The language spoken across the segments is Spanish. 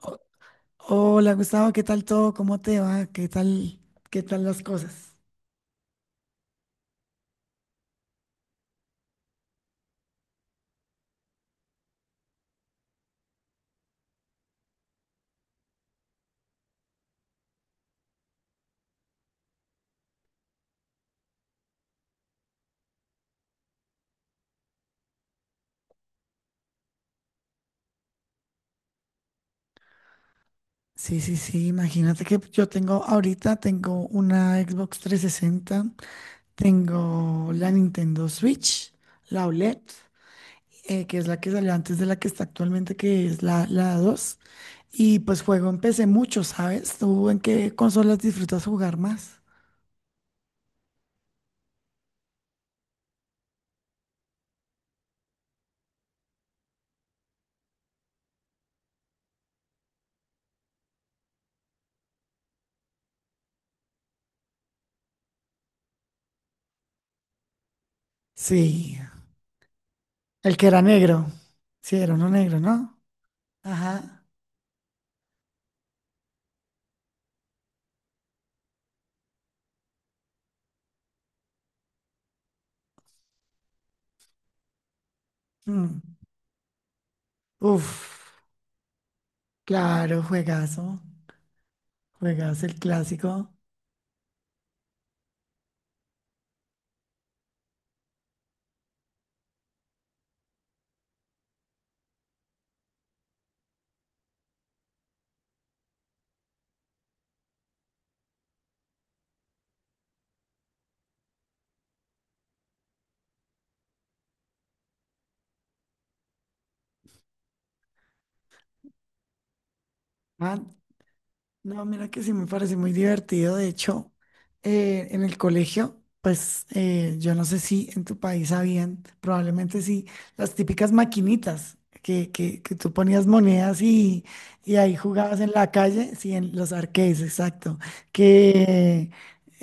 Ho- Hola Gustavo, ¿qué tal todo? ¿Cómo te va? ¿Qué tal las cosas? Sí, sí, sí, imagínate que yo tengo ahorita tengo una Xbox 360, tengo la Nintendo Switch, la OLED, que es la que salió antes de la que está actualmente, que es la 2. Y pues juego en PC mucho, ¿sabes? ¿Tú en qué consolas disfrutas jugar más? Sí, el que era negro, sí, era uno negro, ¿no? Ajá. Mm. Uf. Claro, juegazo. Juegazo el clásico. Ah, no, mira que sí me parece muy divertido. De hecho, en el colegio, pues yo no sé si en tu país habían, probablemente sí, las típicas maquinitas que tú ponías monedas y ahí jugabas en la calle, sí, en los arcades, exacto. Que,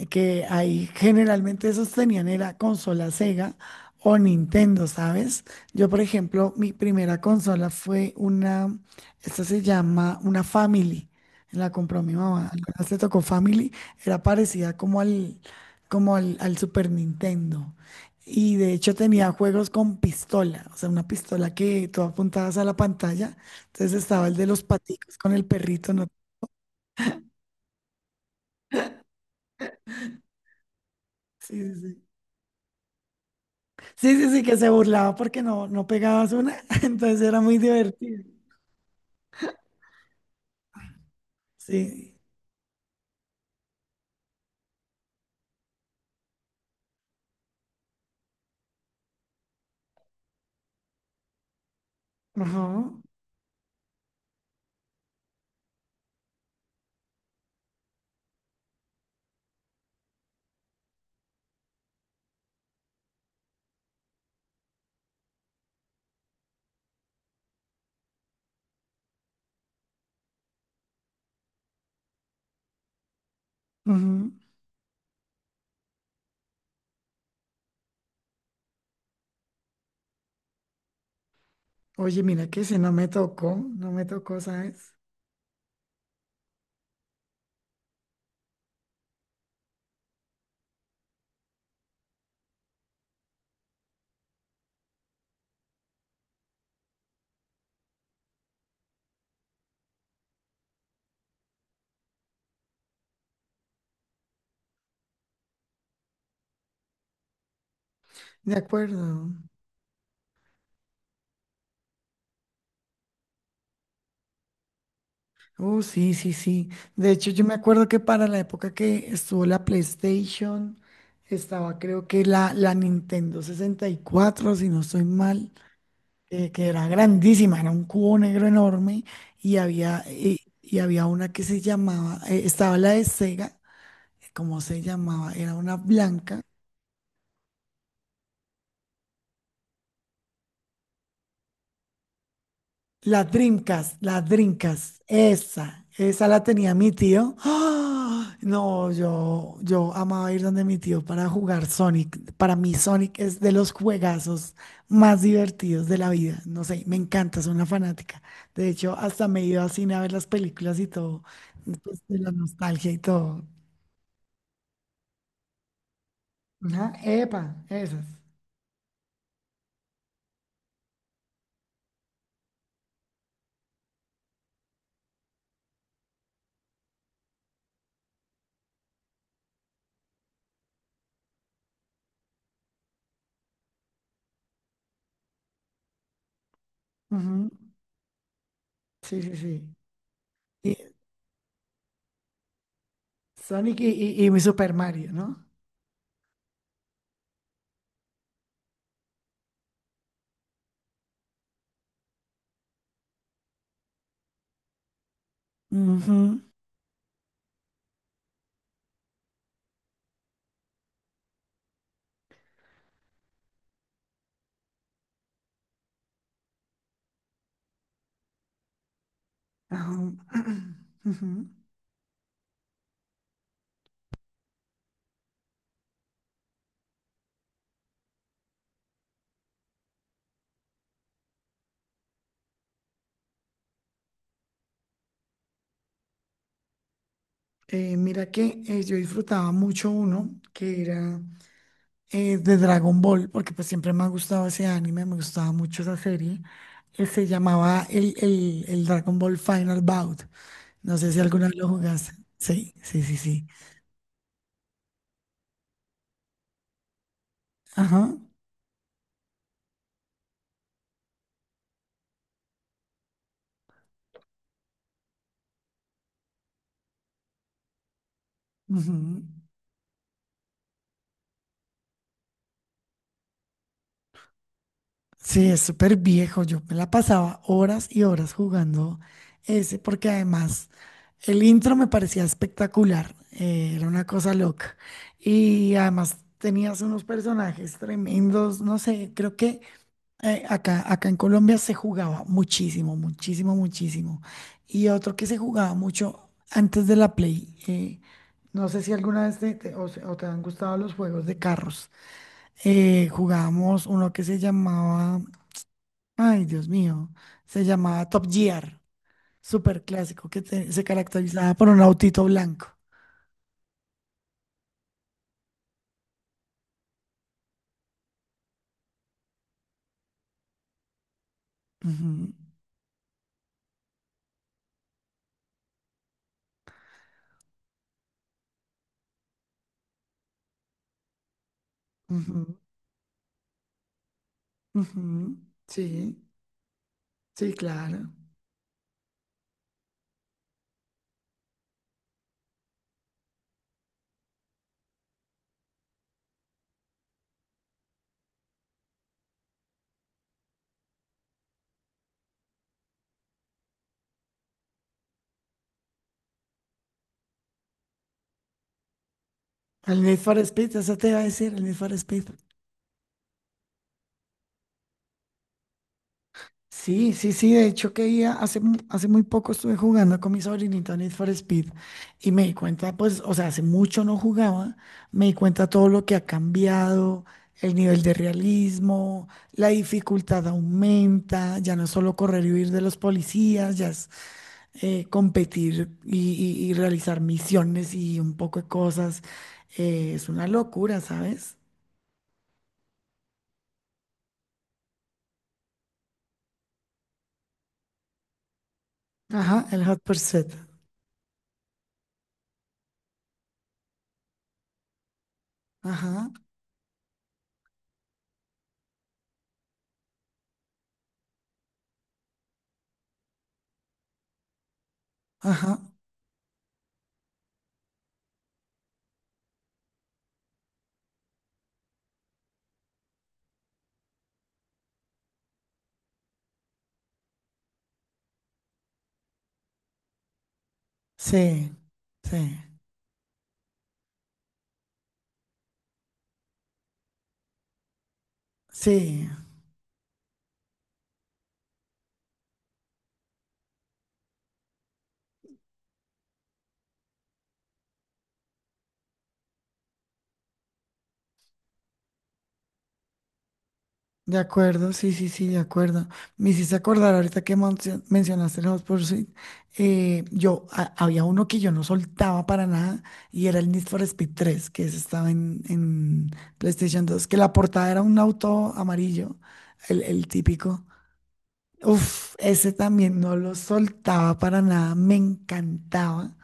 que ahí generalmente esos tenían era consola Sega o Nintendo, ¿sabes? Yo, por ejemplo, mi primera consola fue una, esta se llama una Family, la compró mi mamá. Alguna vez te tocó Family. Era parecida como al Super Nintendo. Y de hecho tenía juegos con pistola. O sea, una pistola que tú apuntabas a la pantalla. Entonces estaba el de los paticos con el perrito, ¿no? Sí, sí, sí. Sí, sí, sí, que se burlaba porque no, no pegabas una. Entonces era muy divertido. Sí. Ajá. Ujú. Oye, mira que ese no me tocó. No me tocó, ¿sabes? De acuerdo. Oh, sí, sí, sí. De hecho, yo me acuerdo que para la época que estuvo la PlayStation, estaba creo que la Nintendo 64 si no estoy mal, que era grandísima, era un cubo negro enorme y y había una que se llamaba, estaba la de Sega, ¿cómo se llamaba? Era una blanca. La Dreamcast, esa la tenía mi tío. ¡Ah! No, yo amaba ir donde mi tío para jugar Sonic. Para mí Sonic es de los juegazos más divertidos de la vida. No sé, me encanta, soy una fanática. De hecho, hasta me he ido a cine a ver las películas y todo, pues, de la nostalgia y todo. Ajá, epa, esas. Ujú. Sí, sí, sí. Y Sonic y, y mi Super Mario, ¿no? Ujú, ajá, ujú. Mira que yo disfrutaba mucho uno que era de Dragon Ball, porque pues siempre me ha gustado ese anime, me gustaba mucho esa serie. Que se llamaba el, el Dragon Ball Final Bout. No sé si alguna vez lo jugaste. Sí, sí, sí, sí. Ajá. Ujú. Sí, es súper viejo. Yo me la pasaba horas y horas jugando ese, porque además el intro me parecía espectacular. Era una cosa loca. Y además tenías unos personajes tremendos. No sé, creo que acá en Colombia se jugaba muchísimo, muchísimo, muchísimo. Y otro que se jugaba mucho antes de la Play. No sé si alguna vez te, te- o, se- o te han gustado los juegos de carros. Jugábamos uno que se llamaba. Ay, Dios mío, se llamaba Top Gear, súper clásico, que se caracterizaba por un autito blanco. Ujú, ujú, ujú. Sí, sí, claro. El Need for Speed, eso te iba a decir, el Need for Speed. Sí, sí, sí, de hecho que ya hace, hace muy poco estuve jugando con mi sobrinita Need for Speed y me di cuenta, pues, o sea, hace mucho no jugaba, me di cuenta todo lo que ha cambiado, el nivel de realismo, la dificultad aumenta, ya no es solo correr y huir de los policías, ya es competir y, y realizar misiones y un poco de cosas, es una locura, ¿sabes? Ajá, el Hot Pursuit, ajá, ajá, sí, sí. Sí, de acuerdo, sí, sí, sí, de acuerdo. Me hiciste acordar ahorita que mencionaste los Pursuit. Yo, había uno que yo no soltaba para nada y era el Need for Speed 3, que ese estaba en, PlayStation 2, que la portada era un auto amarillo, el típico. Uf, ese también no lo soltaba para nada, me encantaba.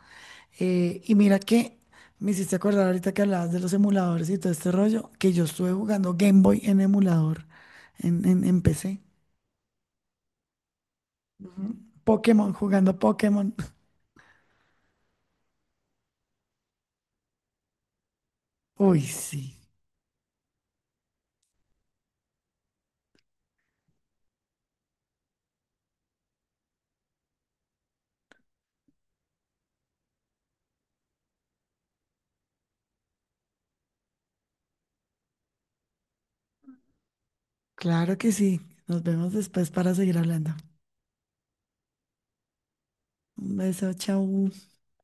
Y mira que me hiciste acordar ahorita que hablabas de los emuladores y todo este rollo, que yo estuve jugando Game Boy en emulador, en PC. Pokémon, jugando Pokémon. Uy, sí, claro que sí. Nos vemos después para seguir hablando. Un beso, chao.